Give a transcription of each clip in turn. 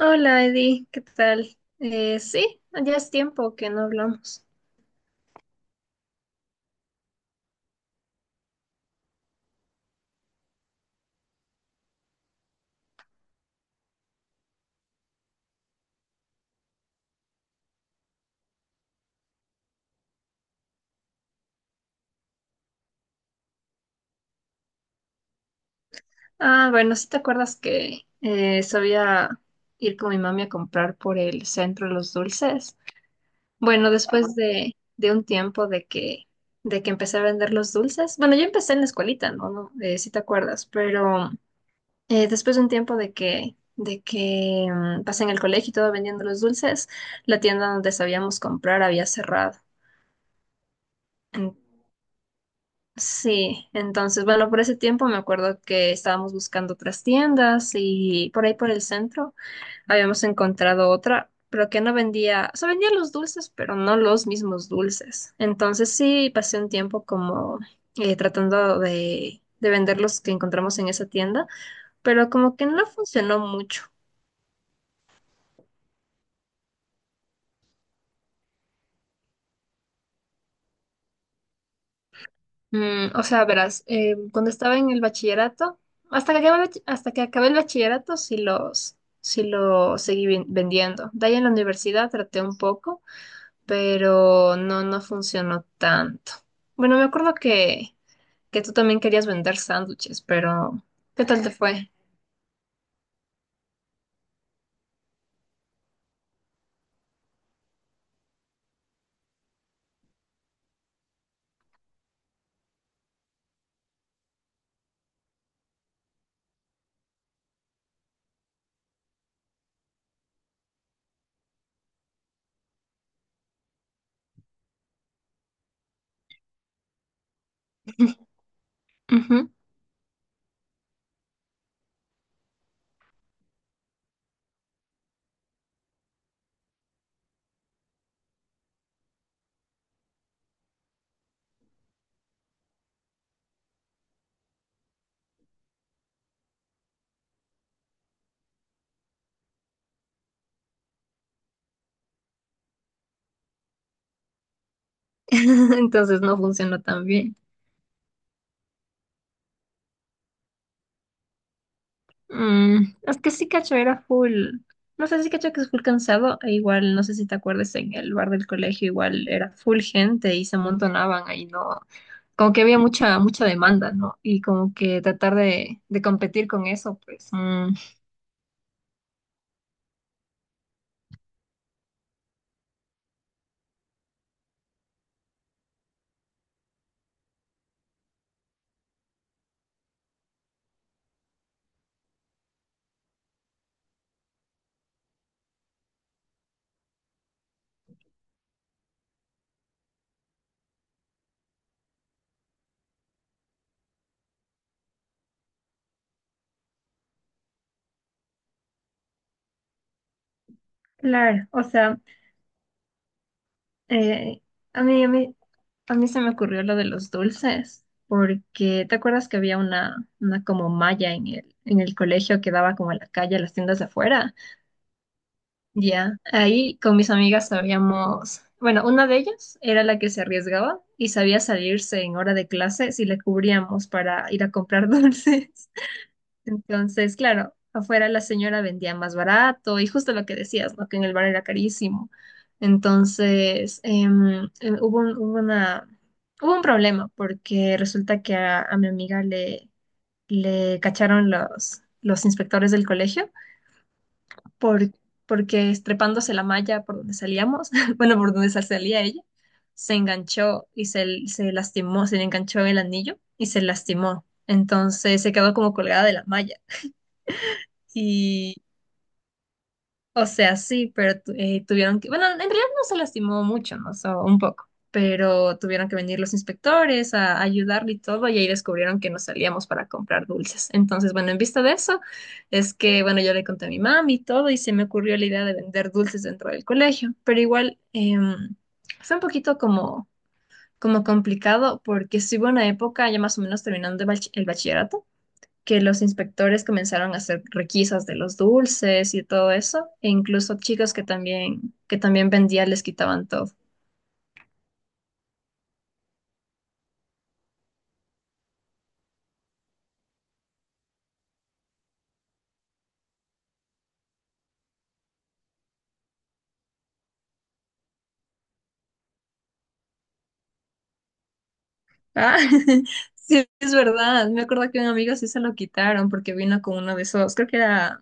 Hola Eddie, ¿qué tal? Sí, ya es tiempo que no hablamos. Ah, bueno, ¿si te acuerdas que sabía ir con mi mami a comprar por el centro los dulces? Bueno, después de un tiempo de que empecé a vender los dulces, bueno, yo empecé en la escuelita, ¿no? No si te acuerdas, pero después de un tiempo de que pasé en el colegio y todo vendiendo los dulces, la tienda donde sabíamos comprar había cerrado. Sí, entonces, bueno, por ese tiempo me acuerdo que estábamos buscando otras tiendas y por ahí por el centro habíamos encontrado otra, pero que no vendía, o sea, vendía los dulces, pero no los mismos dulces. Entonces sí, pasé un tiempo como tratando de vender los que encontramos en esa tienda, pero como que no funcionó mucho. O sea, verás, cuando estaba en el bachillerato, hasta que acabé, hasta que acabé el bachillerato, sí lo seguí vendiendo. De ahí en la universidad traté un poco, pero no, no funcionó tanto. Bueno, me acuerdo que tú también querías vender sándwiches, pero ¿qué tal te fue? Ujú. Entonces no funcionó tan bien. Es que sí, cacho, era full. No sé si cacho que es full cansado, e igual, no sé si te acuerdas, en el bar del colegio igual era full gente y se amontonaban ahí, ¿no? Como que había mucha demanda, ¿no? Y como que tratar de competir con eso, pues. Mm. Claro, o sea, eh, a mí, a mí, a mí se me ocurrió lo de los dulces, porque ¿te acuerdas que había una como malla en en el colegio que daba como a la calle, a las tiendas de afuera? Ya, ahí con mis amigas sabíamos, bueno, una de ellas era la que se arriesgaba y sabía salirse en hora de clase si le cubríamos para ir a comprar dulces. Entonces, claro, afuera la señora vendía más barato y justo lo que decías, ¿no? Que en el bar era carísimo. Entonces, hubo un problema porque resulta que a mi amiga le cacharon los inspectores del colegio por- porque estrepándose la malla por donde salíamos, bueno, por donde salía ella, se enganchó se lastimó, se le enganchó el anillo y se lastimó. Entonces se quedó como colgada de la malla, o sea, sí, pero tuvieron que, bueno, en realidad no se lastimó mucho, ¿no? So, un poco, pero tuvieron que venir los inspectores a ayudarle y todo, y ahí descubrieron que nos salíamos para comprar dulces. Entonces, bueno, en vista de eso, es que, bueno, yo le conté a mi mami y todo, y se me ocurrió la idea de vender dulces dentro del colegio, pero igual fue un poquito como complicado, porque sí hubo una época, ya más o menos terminando el bachillerato que los inspectores comenzaron a hacer requisas de los dulces y todo eso, e incluso chicos que también vendían les quitaban todo. Ah, sí, es verdad. Me acuerdo que un amigo sí se lo quitaron porque vino con uno de esos, creo que era,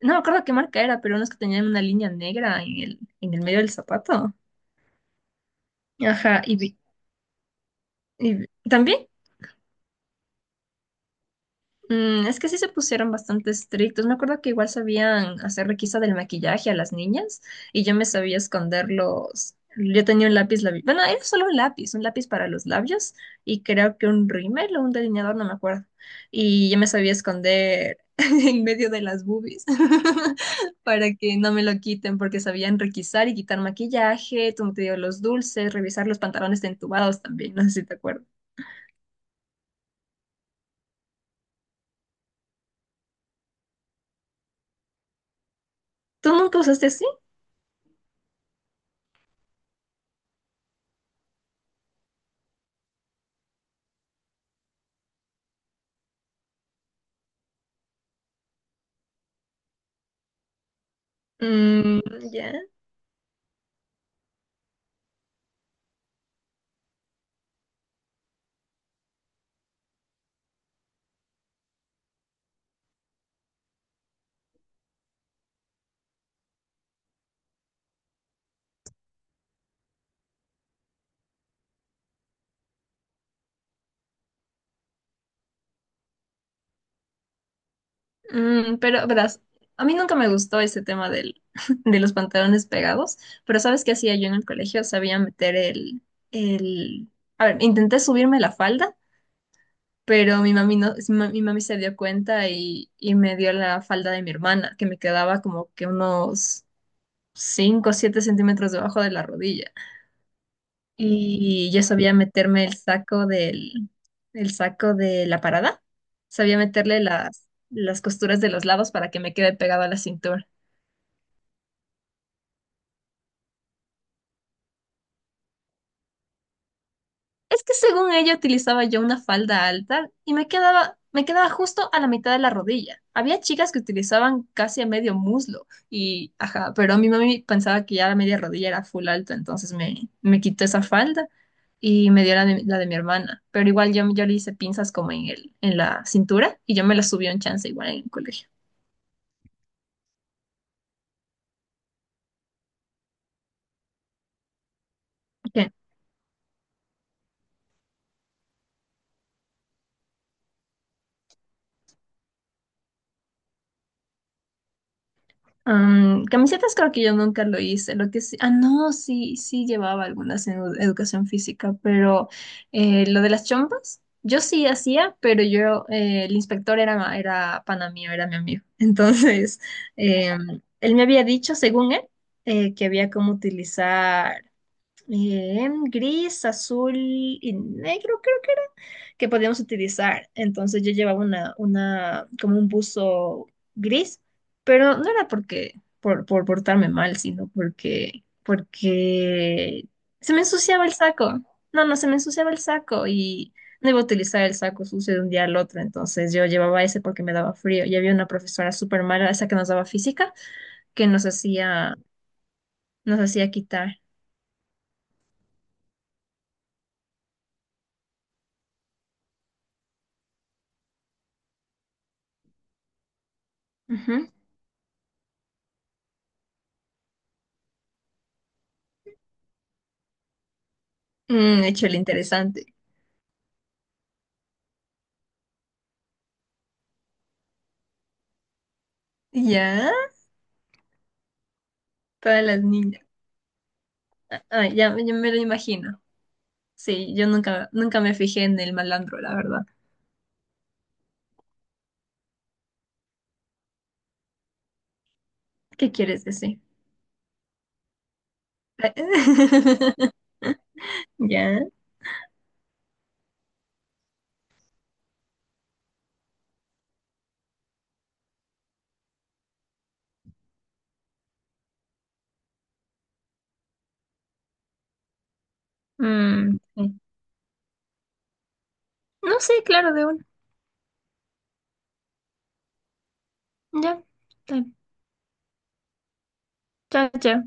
no me acuerdo qué marca era, pero unos que tenían una línea negra en en el medio del zapato. Ajá, también. Es que sí se pusieron bastante estrictos. Me acuerdo que igual sabían hacer requisa del maquillaje a las niñas y yo me sabía esconder Yo tenía un lápiz labial. Bueno, era solo un lápiz para los labios y creo que un rímel o un delineador, no me acuerdo. Y yo me sabía esconder en medio de las boobies para que no me lo quiten porque sabían requisar y quitar maquillaje, tú te digo, los dulces, revisar los pantalones de entubados también, no sé si te acuerdas. ¿Tú nunca usaste así? Mm, ya. Pero verás, a mí nunca me gustó ese tema del, de los pantalones pegados, pero ¿sabes qué hacía yo en el colegio? Sabía meter el... A ver, intenté subirme la falda, pero mi mami no, mi mami se dio cuenta y me dio la falda de mi hermana, que me quedaba como que unos 5 o 7 centímetros debajo de la rodilla. Y yo sabía meterme el saco de la parada, sabía meterle las costuras de los lados para que me quede pegado a la cintura. Es que según ella utilizaba yo una falda alta y me quedaba justo a la mitad de la rodilla. Había chicas que utilizaban casi a medio muslo y, ajá, pero mi mami pensaba que ya la media rodilla era full alta, entonces me quitó esa falda y me dio la de mi hermana. Pero igual yo le hice pinzas como en en la cintura y yo me la subí un chance igual en el colegio. Ok. Camisetas creo que yo nunca lo hice, lo que sí, ah, no, sí, sí llevaba algunas en educación física, pero lo de las chompas, yo sí hacía, pero yo, el inspector era, era pana mío, era mi amigo, entonces, él me había dicho, según él, que había como utilizar gris, azul y negro, creo que era, que podíamos utilizar. Entonces yo llevaba como un buzo gris, pero no era porque, por portarme mal, sino porque, porque se me ensuciaba el saco. No, no, se me ensuciaba el saco y no iba a utilizar el saco sucio de un día al otro. Entonces yo llevaba ese porque me daba frío. Y había una profesora súper mala, esa que nos daba física, que nos hacía quitar. Ujú. Hecho el interesante. Ya, para las niñas. Ah, ah, ya, ya me lo imagino. Sí, yo nunca, nunca me fijé en el malandro, la verdad. ¿Qué quieres decir? Ya. Sí. No sé, claro, de una. Ya. Está bien. Chao, chao.